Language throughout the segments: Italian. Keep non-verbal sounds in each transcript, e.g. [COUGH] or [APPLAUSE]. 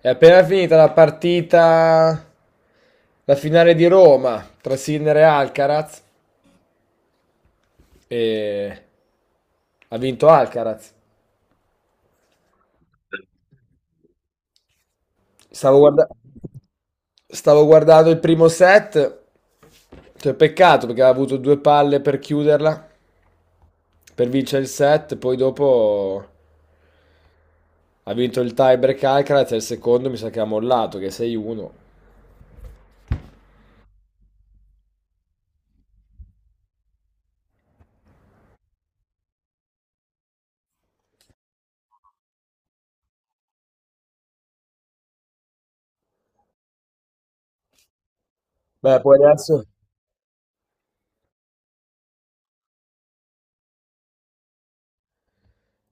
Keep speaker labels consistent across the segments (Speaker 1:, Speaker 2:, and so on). Speaker 1: È appena finita la partita, la finale di Roma tra Sinner e Alcaraz e ha vinto Alcaraz. Stavo guarda- Stavo guardando il primo set, cioè peccato perché aveva avuto due palle per chiuderla, per vincere il set, poi dopo ha vinto il tiebreak Alcaraz e il secondo mi sa che ha mollato, che è 6-1. Beh, poi adesso...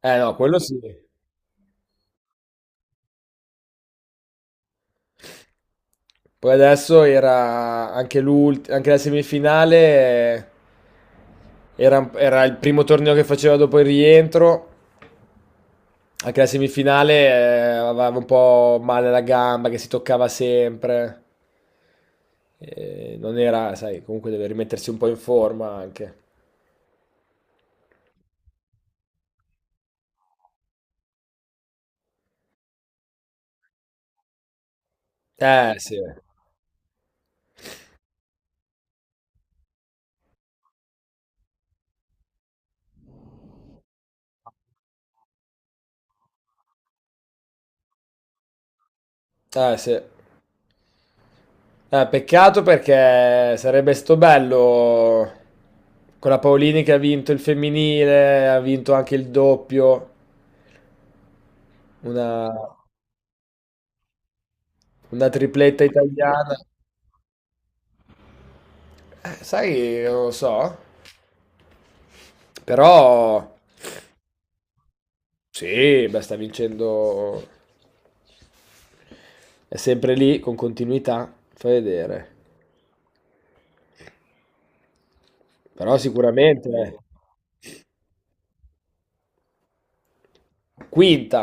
Speaker 1: Eh no, quello sì. Poi adesso era anche anche la semifinale, era il primo torneo che faceva dopo il rientro. Anche la semifinale, aveva un po' male la gamba che si toccava sempre. Non era, sai, comunque deve rimettersi un po' in forma anche. Eh sì, eh sì. Peccato perché sarebbe stato bello con la Paolini che ha vinto il femminile, ha vinto anche il doppio. Una, una tripletta italiana. Sai, non lo so. Però sì, beh, sta vincendo. È sempre lì con continuità. Fai vedere. Però sicuramente. Quinta.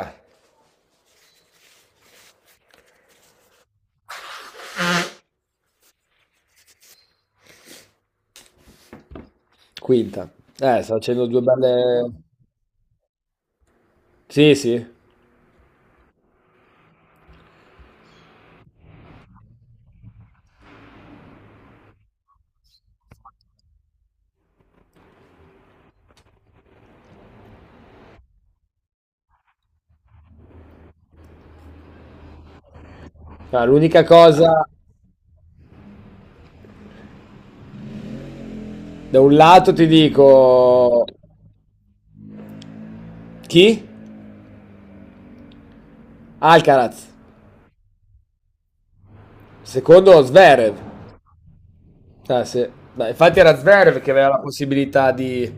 Speaker 1: Quinta. Sta facendo due belle. Sì, sì. Ah, l'unica cosa, da un lato ti dico chi? Alcaraz. Secondo Zverev. Ah, sì. Dai, infatti era Zverev che aveva la possibilità di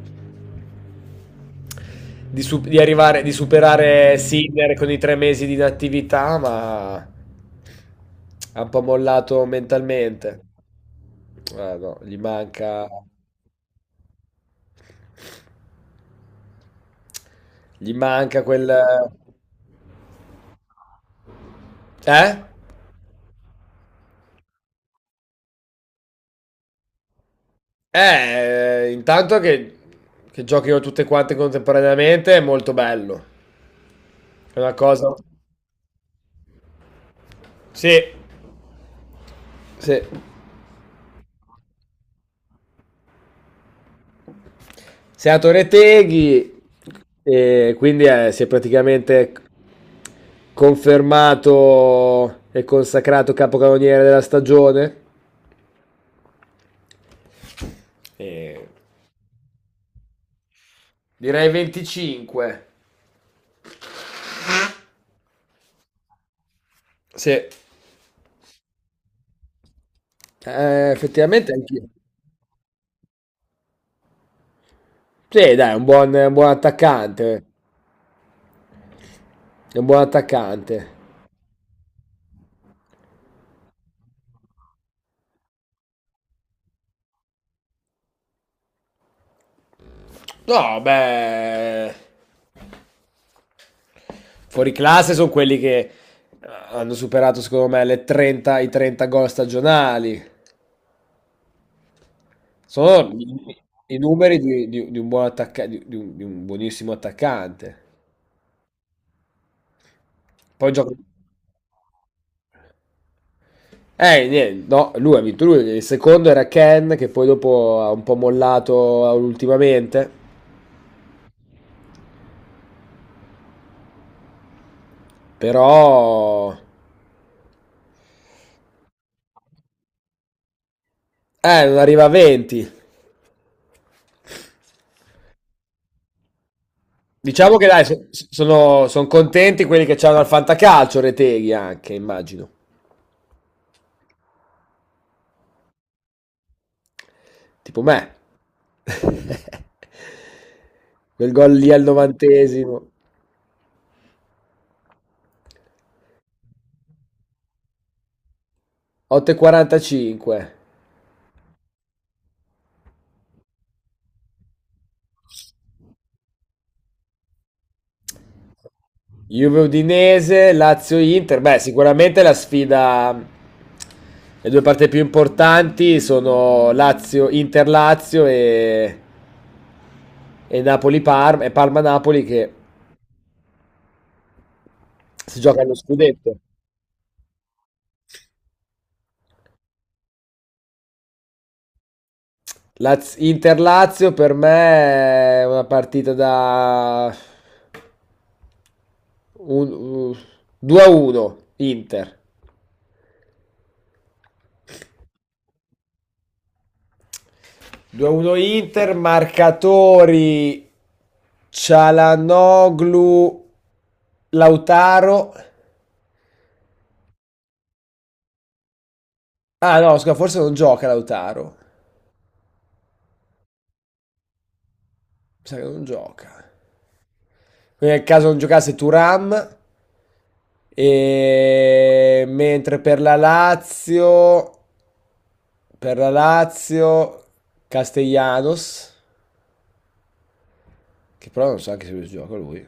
Speaker 1: di arrivare, di superare Sinner con i tre mesi di inattività, ma ha un po' mollato mentalmente. Ah, no, gli manca quel... Eh? Eh, intanto che, che giochino tutte quante contemporaneamente è molto bello. È una cosa... Sì, sì. Sei a Torre Teghi e quindi si è praticamente confermato e consacrato capocannoniere della stagione? E... Direi 25. Sì, eh, effettivamente anch'io. Sì, dai, è un buon attaccante. È un buon attaccante. No, beh, fuori classe sono quelli che hanno superato, secondo me, i 30 gol stagionali. Sono i, i numeri di un di un buonissimo attaccante. Poi gioca, eh, niente, no, lui ha vinto lui, il secondo era Ken che poi dopo ha un po' mollato ultimamente, però non arriva a 20. Diciamo che dai, son contenti quelli che c'hanno al fantacalcio Reteghi anche, immagino, tipo me. [LAUGHS] Quel gol lì al novantesimo, 8:45. Juve Udinese, Lazio Inter. Beh, sicuramente la sfida. Le due parti più importanti sono Inter Lazio e Napoli Parma e Parma Napoli che si gioca allo scudetto. Inter Lazio per me è una partita da un- un- 2-1 Inter. 2-1 Inter, marcatori Cialanoglu, Lautaro. Ah no, scusa, forse non gioca Lautaro. Mi sa che non gioca. Quindi nel caso non giocasse Turam. E... Mentre per la Lazio, Castellanos, che però non so anche se lui gioca lui.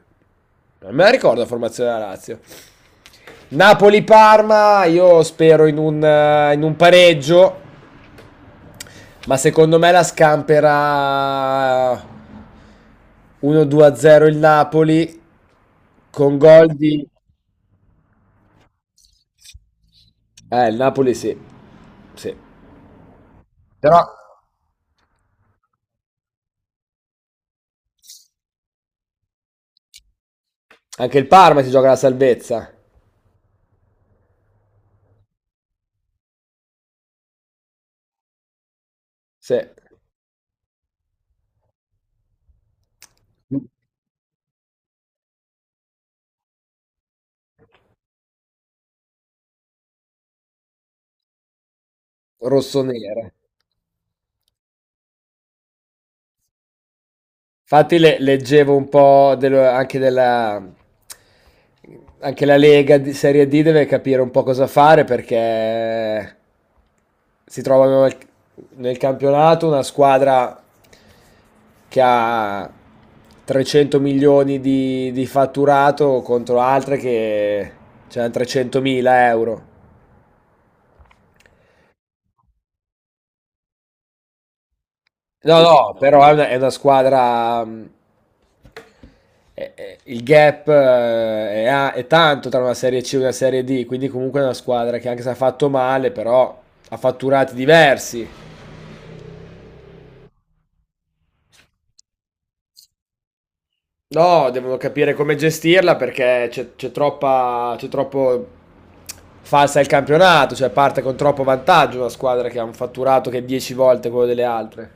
Speaker 1: Non me la ricordo la formazione della Lazio. Napoli-Parma, io spero in in un pareggio. Ma secondo me la scamperà 1-2-0 il Napoli con gol di... il Napoli sì, sì. Però anche il Parma si gioca la salvezza. Sì. Rossonera. Infatti leggevo un po' anche della... Anche la Lega di Serie D deve capire un po' cosa fare perché si trovano nel campionato una squadra che ha 300 milioni di fatturato contro altre che hanno 300 mila euro. No, no, però è è una squadra. Il gap è tanto tra una serie C e una serie D, quindi comunque è una squadra che anche se ha fatto male, però ha fatturati diversi. No, devono capire come gestirla perché c'è troppo falsa il campionato, cioè parte con troppo vantaggio una squadra che ha un fatturato che è 10 volte quello delle altre.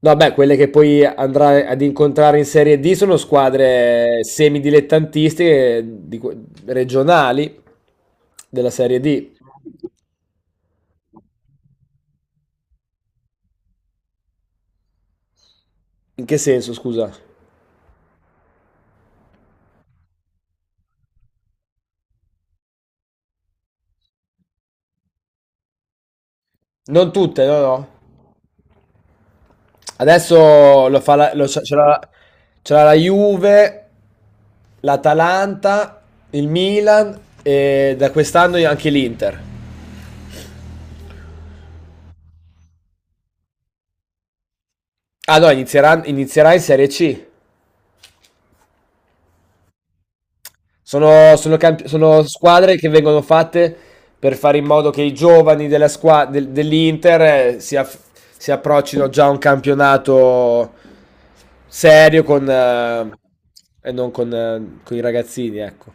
Speaker 1: No, beh, quelle che poi andrai ad incontrare in Serie D sono squadre semidilettantistiche regionali della Serie D. In che senso, scusa? Non tutte, no, no. Adesso lo fa c'è la Juve, l'Atalanta, il Milan e da quest'anno anche l'Inter. Ah no, inizierà in Serie C. Sono squadre che vengono fatte per fare in modo che i giovani dell'Inter eh, si, aff- si approccino già a un campionato serio con, e non con, con i ragazzini, ecco.